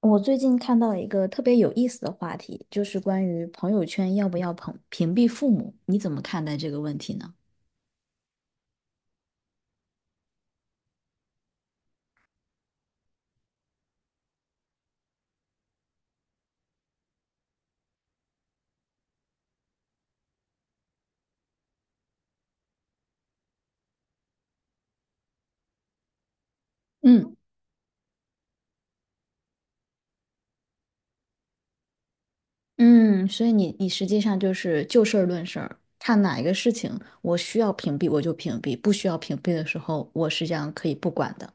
我最近看到一个特别有意思的话题，就是关于朋友圈要不要屏蔽父母，你怎么看待这个问题呢？嗯。嗯，所以你实际上就是就事儿论事儿，看哪一个事情我需要屏蔽我就屏蔽，不需要屏蔽的时候我实际上可以不管的。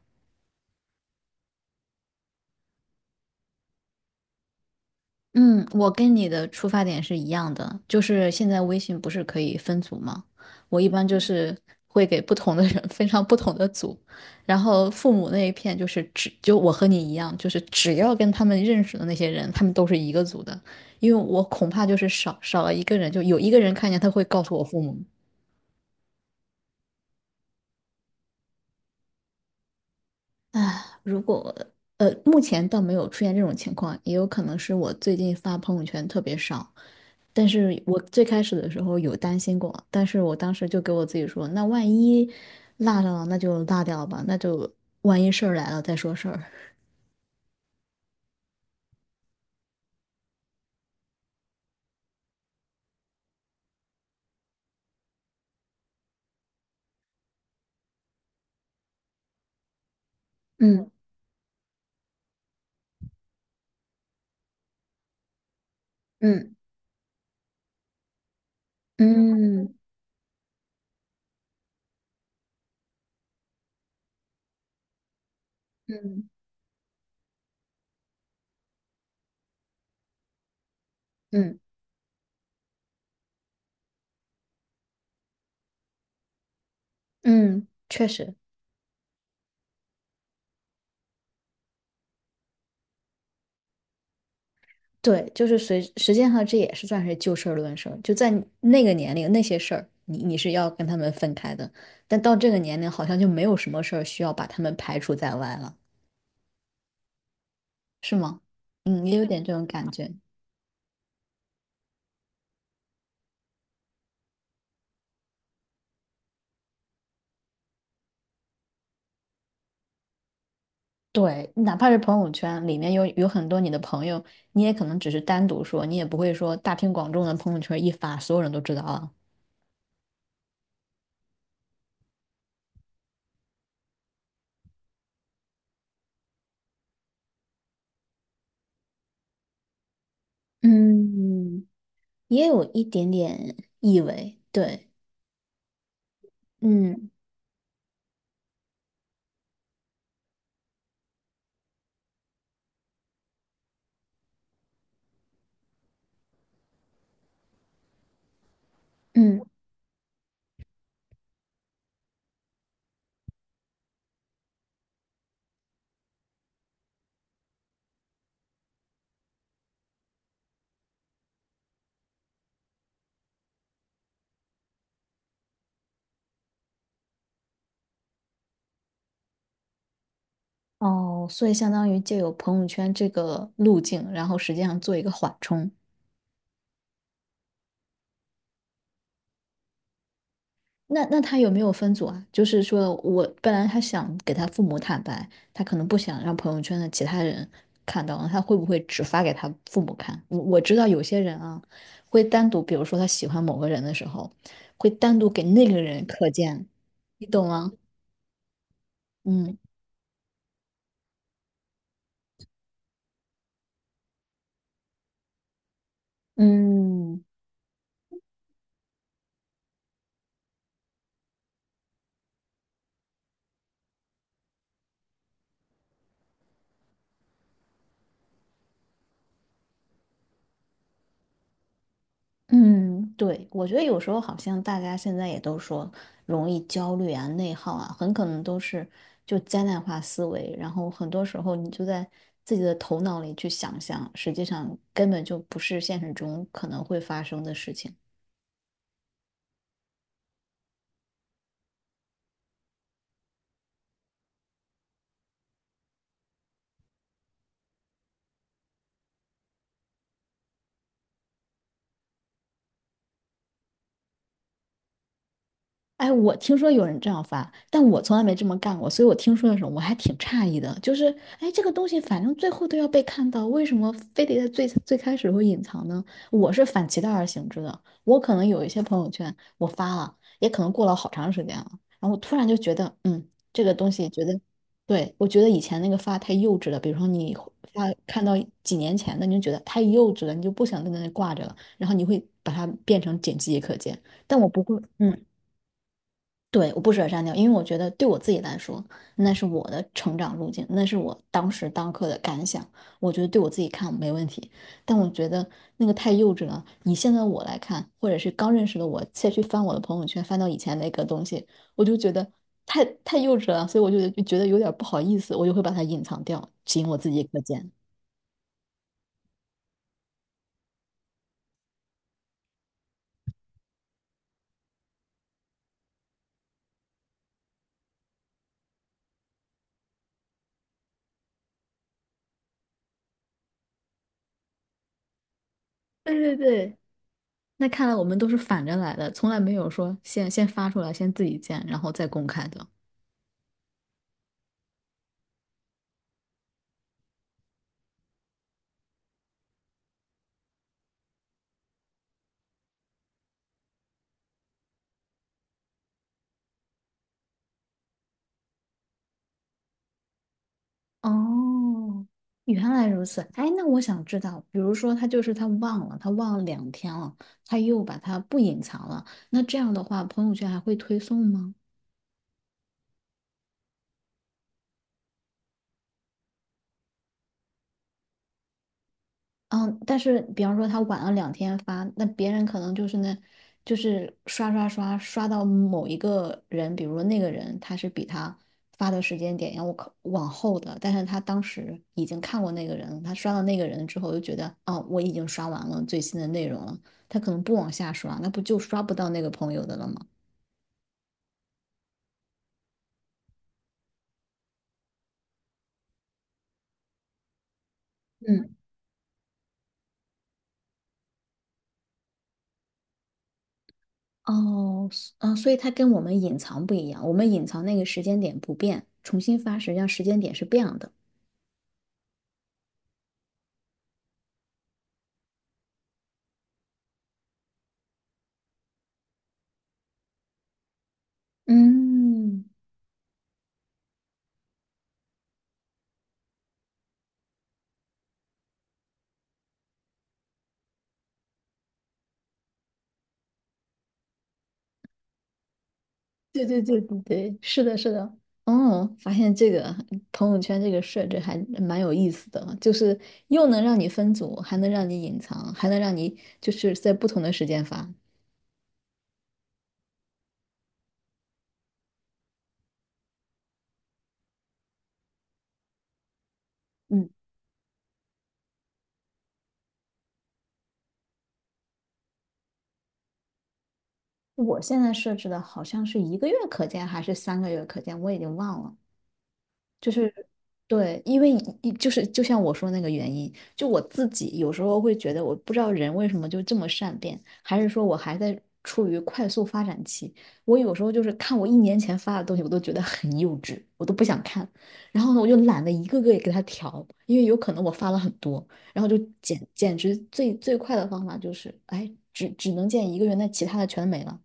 嗯，我跟你的出发点是一样的，就是现在微信不是可以分组吗？我一般就是会给不同的人分上 不同的组，然后父母那一片就是只就我和你一样，就是只要跟他们认识的那些人，他们都是一个组的，因为我恐怕就是少了一个人，就有一个人看见他会告诉我父母。啊，目前倒没有出现这种情况，也有可能是我最近发朋友圈特别少。但是我最开始的时候有担心过，但是我当时就给我自己说，那万一落上了，那就落掉吧，那就万一事儿来了再说事儿。嗯，嗯，嗯，嗯，嗯，嗯，确实。对，就是随实际上这也是算是就事儿论事儿，就在你那个年龄那些事儿，你是要跟他们分开的，但到这个年龄好像就没有什么事儿需要把他们排除在外了，是吗？嗯，也有点这种感觉。对，哪怕是朋友圈里面有很多你的朋友，你也可能只是单独说，你也不会说大庭广众的朋友圈一发，所有人都知道了。嗯，也有一点点意味，对，嗯。嗯。哦，所以相当于借由朋友圈这个路径，然后实际上做一个缓冲。那他有没有分组啊？就是说我本来他想给他父母坦白，他可能不想让朋友圈的其他人看到，他会不会只发给他父母看？我知道有些人啊，会单独，比如说他喜欢某个人的时候，会单独给那个人可见，你懂吗？嗯。嗯。嗯，对，我觉得有时候好像大家现在也都说容易焦虑啊、内耗啊，很可能都是就灾难化思维，然后很多时候你就在自己的头脑里去想象，实际上根本就不是现实中可能会发生的事情。哎，我听说有人这样发，但我从来没这么干过，所以我听说的时候我还挺诧异的。就是，哎，这个东西反正最后都要被看到，为什么非得在最开始会隐藏呢？我是反其道而行之的。我可能有一些朋友圈我发了，也可能过了好长时间了，然后我突然就觉得，嗯，这个东西觉得，对，我觉得以前那个发太幼稚了。比如说你发看到几年前的，你就觉得太幼稚了，你就不想在那里挂着了，然后你会把它变成仅自己可见。但我不会，嗯。对，我不舍得删掉，因为我觉得对我自己来说，那是我的成长路径，那是我当时当刻的感想。我觉得对我自己看没问题，但我觉得那个太幼稚了。以现在我来看，或者是刚认识的我，再去翻我的朋友圈，翻到以前那个东西，我就觉得太幼稚了，所以我就觉得有点不好意思，我就会把它隐藏掉，仅我自己可见。对，对，对，那看来我们都是反着来的，从来没有说先发出来，先自己见，然后再公开的。哦，原来如此。哎，那我想知道，比如说他就是他忘了，他忘了两天了，他又把它不隐藏了，那这样的话，朋友圈还会推送吗？嗯，但是比方说他晚了两天发，那别人可能就是那，就是刷刷刷刷到某一个人，比如说那个人他是比他发的时间点要靠往后的，但是他当时已经看过那个人了他刷到那个人之后就觉得，哦，我已经刷完了最新的内容了，他可能不往下刷，那不就刷不到那个朋友的了吗？嗯，哦，所以他跟我们隐藏不一样，我们隐藏那个时间点不变，重新发实际上时间点是变的。嗯，对，对，对，对，对，是的，是的。哦，发现这个朋友圈这个设置还蛮有意思的，就是又能让你分组，还能让你隐藏，还能让你就是在不同的时间发。嗯，我现在设置的好像是一个月可见还是三个月可见，我已经忘了。就是对，因为一就是就像我说那个原因，就我自己有时候会觉得，我不知道人为什么就这么善变，还是说我还在处于快速发展期。我有时候就是看我1年前发的东西，我都觉得很幼稚，我都不想看。然后呢，我就懒得一个个也给它调，因为有可能我发了很多，然后就简直最快的方法就是，哎，只能见一个月，那其他的全没了。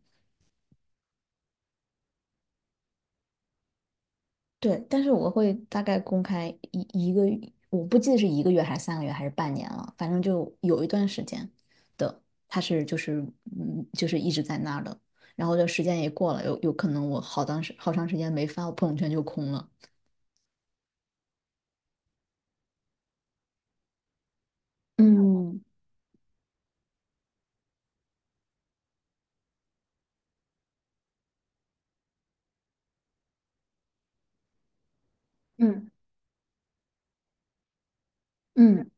对，但是我会大概公开一个，我不记得是一个月还是三个月还是半年了，反正就有一段时间的，他是就是嗯就是一直在那儿的，然后这时间也过了，有可能我当时好长时间没发，我朋友圈就空了。嗯，嗯，嗯，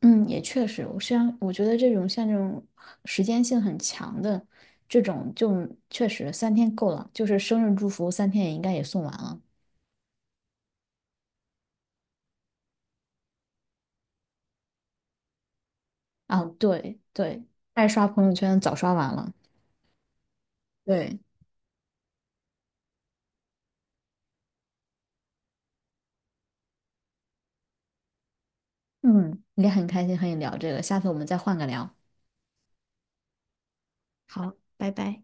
嗯，也确实，我虽然我觉得这种像这种时间性很强的这种，就确实三天够了，就是生日祝福三天也应该也送完了啊。对，对，爱刷朋友圈早刷完了。对，嗯，也很开心和你聊这个，下次我们再换个聊。好，拜拜。